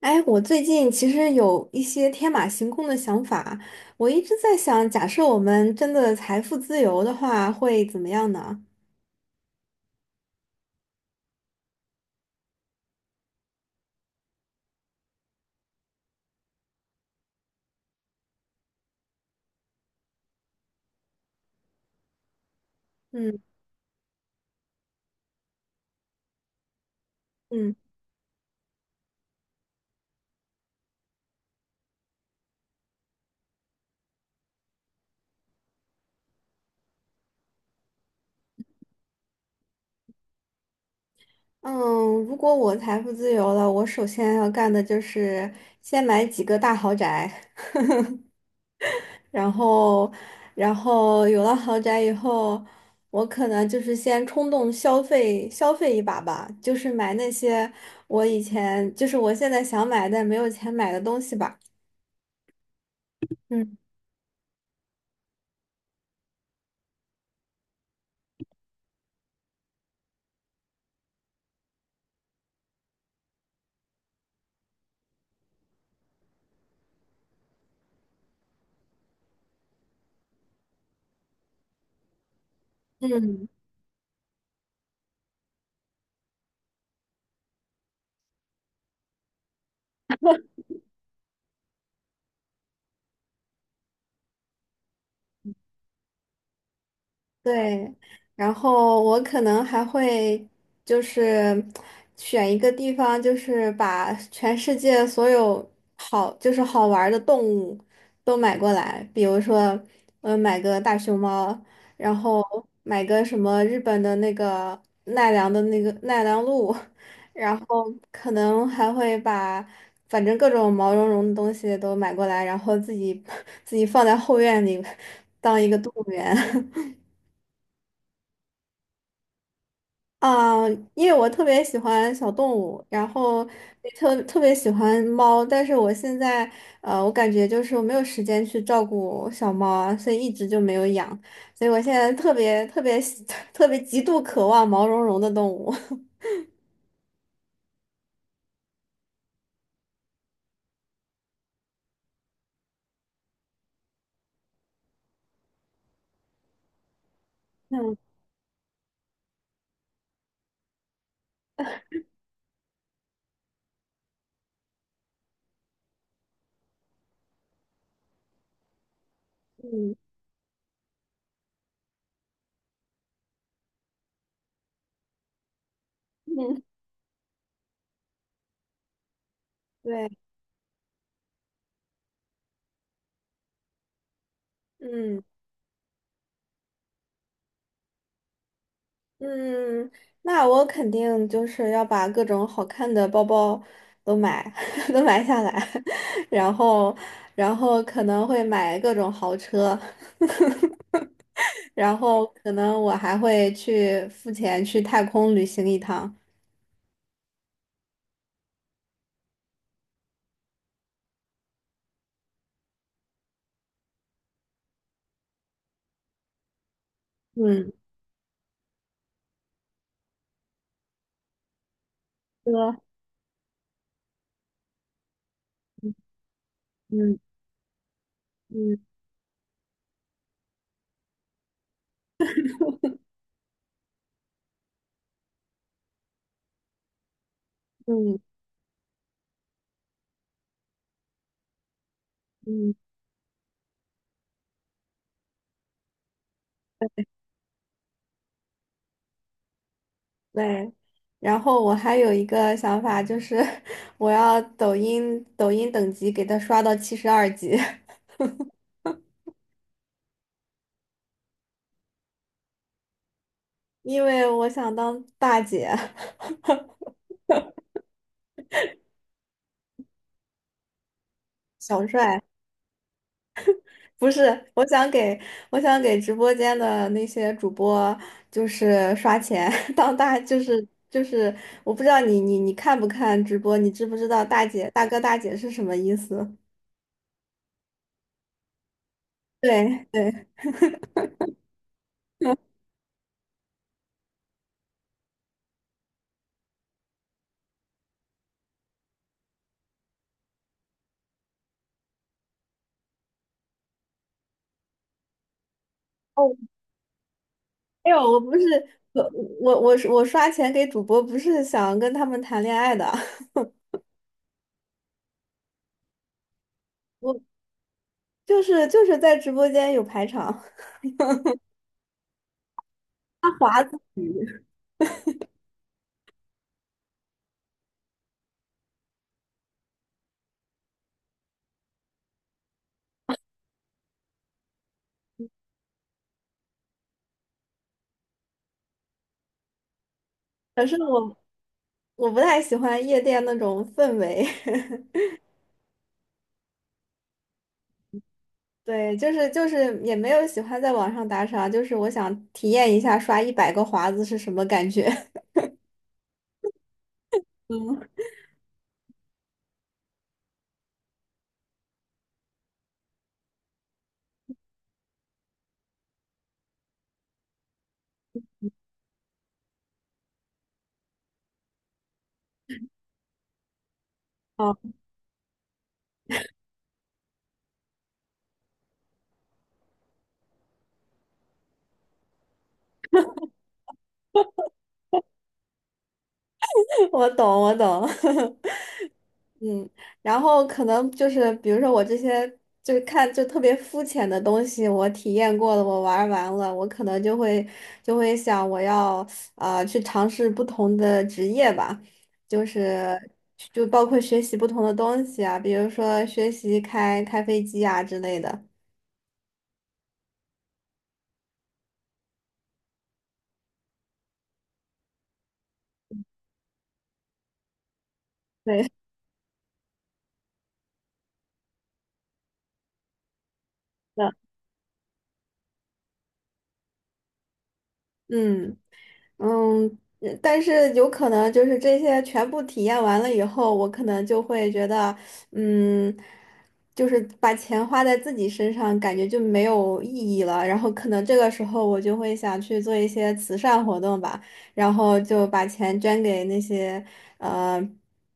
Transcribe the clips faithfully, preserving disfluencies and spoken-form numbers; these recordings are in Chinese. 哎，我最近其实有一些天马行空的想法，我一直在想，假设我们真的财富自由的话，会怎么样呢？嗯嗯嗯，如果我财富自由了，我首先要干的就是先买几个大豪宅，然后，然后有了豪宅以后，我可能就是先冲动消费消费一把吧，就是买那些我以前就是我现在想买但没有钱买的东西吧。嗯嗯。对，然后我可能还会就是选一个地方，就是把全世界所有好就是好玩儿的动物都买过来，比如说，呃，买个大熊猫，然后买个什么日本的那个奈良的那个奈良鹿，然后可能还会把反正各种毛茸茸的东西都买过来，然后自己 自己放在后院里 当一个动物园。啊，因为我特别喜欢小动物，然后也特特别喜欢猫，但是我现在呃，我感觉就是我没有时间去照顾小猫啊，所以一直就没有养，所以我现在特别特别喜 特别极度渴望毛茸茸的动物。嗯嗯嗯，对，嗯嗯，那我肯定就是要把各种好看的包包都买 都买下来，然后然后可能会买各种豪车。然后可能我还会去付钱去太空旅行一趟。嗯，哥，嗯嗯嗯嗯，对。然后我还有一个想法，就是 我要抖音抖音等级给他刷到七十二级，因为我想当大姐、小帅。不是，我想给我想给直播间的那些主播，就是刷钱 当大，就是就是，我不知道你你你看不看直播，你知不知道大姐大哥大姐是什么意思？对对，哦，没有，我不是我我我我刷钱给主播，不是想跟他们谈恋爱的，我就是就是在直播间有排场，他划自己，可是我我不太喜欢夜店那种氛围。对，就是就是也没有喜欢在网上打赏，就是我想体验一下刷一百个华子是什么感觉。嗯，好，我懂，我懂。嗯，然后可能就是比如说我这些就是看就特别肤浅的东西，我体验过了，我玩儿完了，我可能就会就会想我要呃去尝试不同的职业吧，就是就包括学习不同的东西啊，比如说学习开开飞机啊之类的。对，是的，嗯。嗯，嗯但是有可能就是这些全部体验完了以后，我可能就会觉得，嗯，就是把钱花在自己身上，感觉就没有意义了。然后可能这个时候我就会想去做一些慈善活动吧，然后就把钱捐给那些，呃，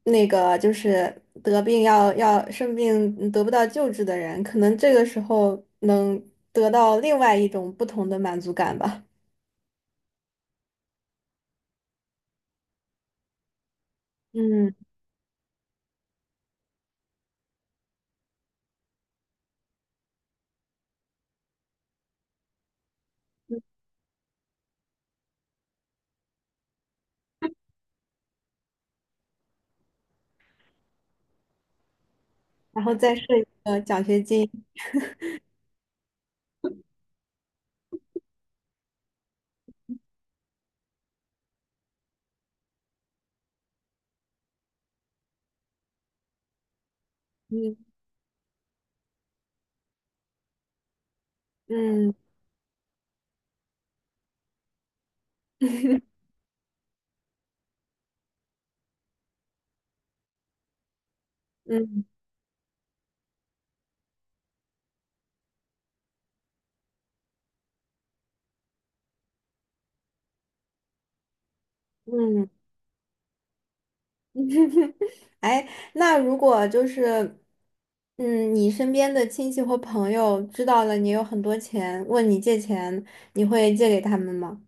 那个就是得病要要生病得不到救治的人，可能这个时候能得到另外一种不同的满足感吧。嗯。然后再设一个奖学金。嗯嗯 嗯嗯，哎，那如果就是，嗯，你身边的亲戚或朋友知道了你有很多钱，问你借钱，你会借给他们吗？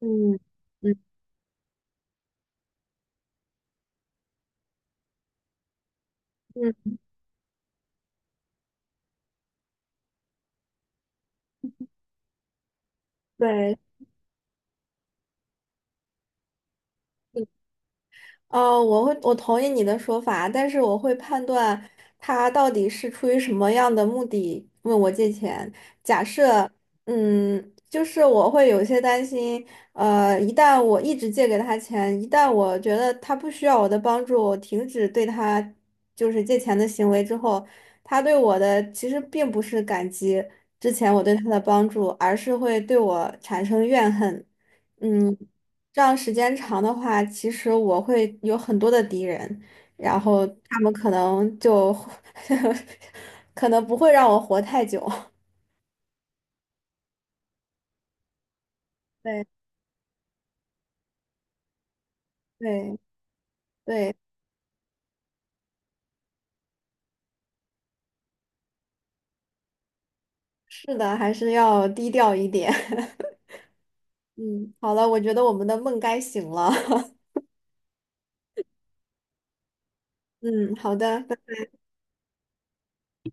嗯嗯嗯，对。哦，我会，我同意你的说法，但是我会判断他到底是出于什么样的目的问我借钱。假设，嗯，就是我会有些担心，呃，一旦我一直借给他钱，一旦我觉得他不需要我的帮助，我停止对他就是借钱的行为之后，他对我的其实并不是感激之前我对他的帮助，而是会对我产生怨恨。嗯。这样时间长的话，其实我会有很多的敌人，然后他们可能就 可能不会让我活太久。对对对，是的，还是要低调一点。嗯，好了，我觉得我们的梦该醒了。嗯，好的。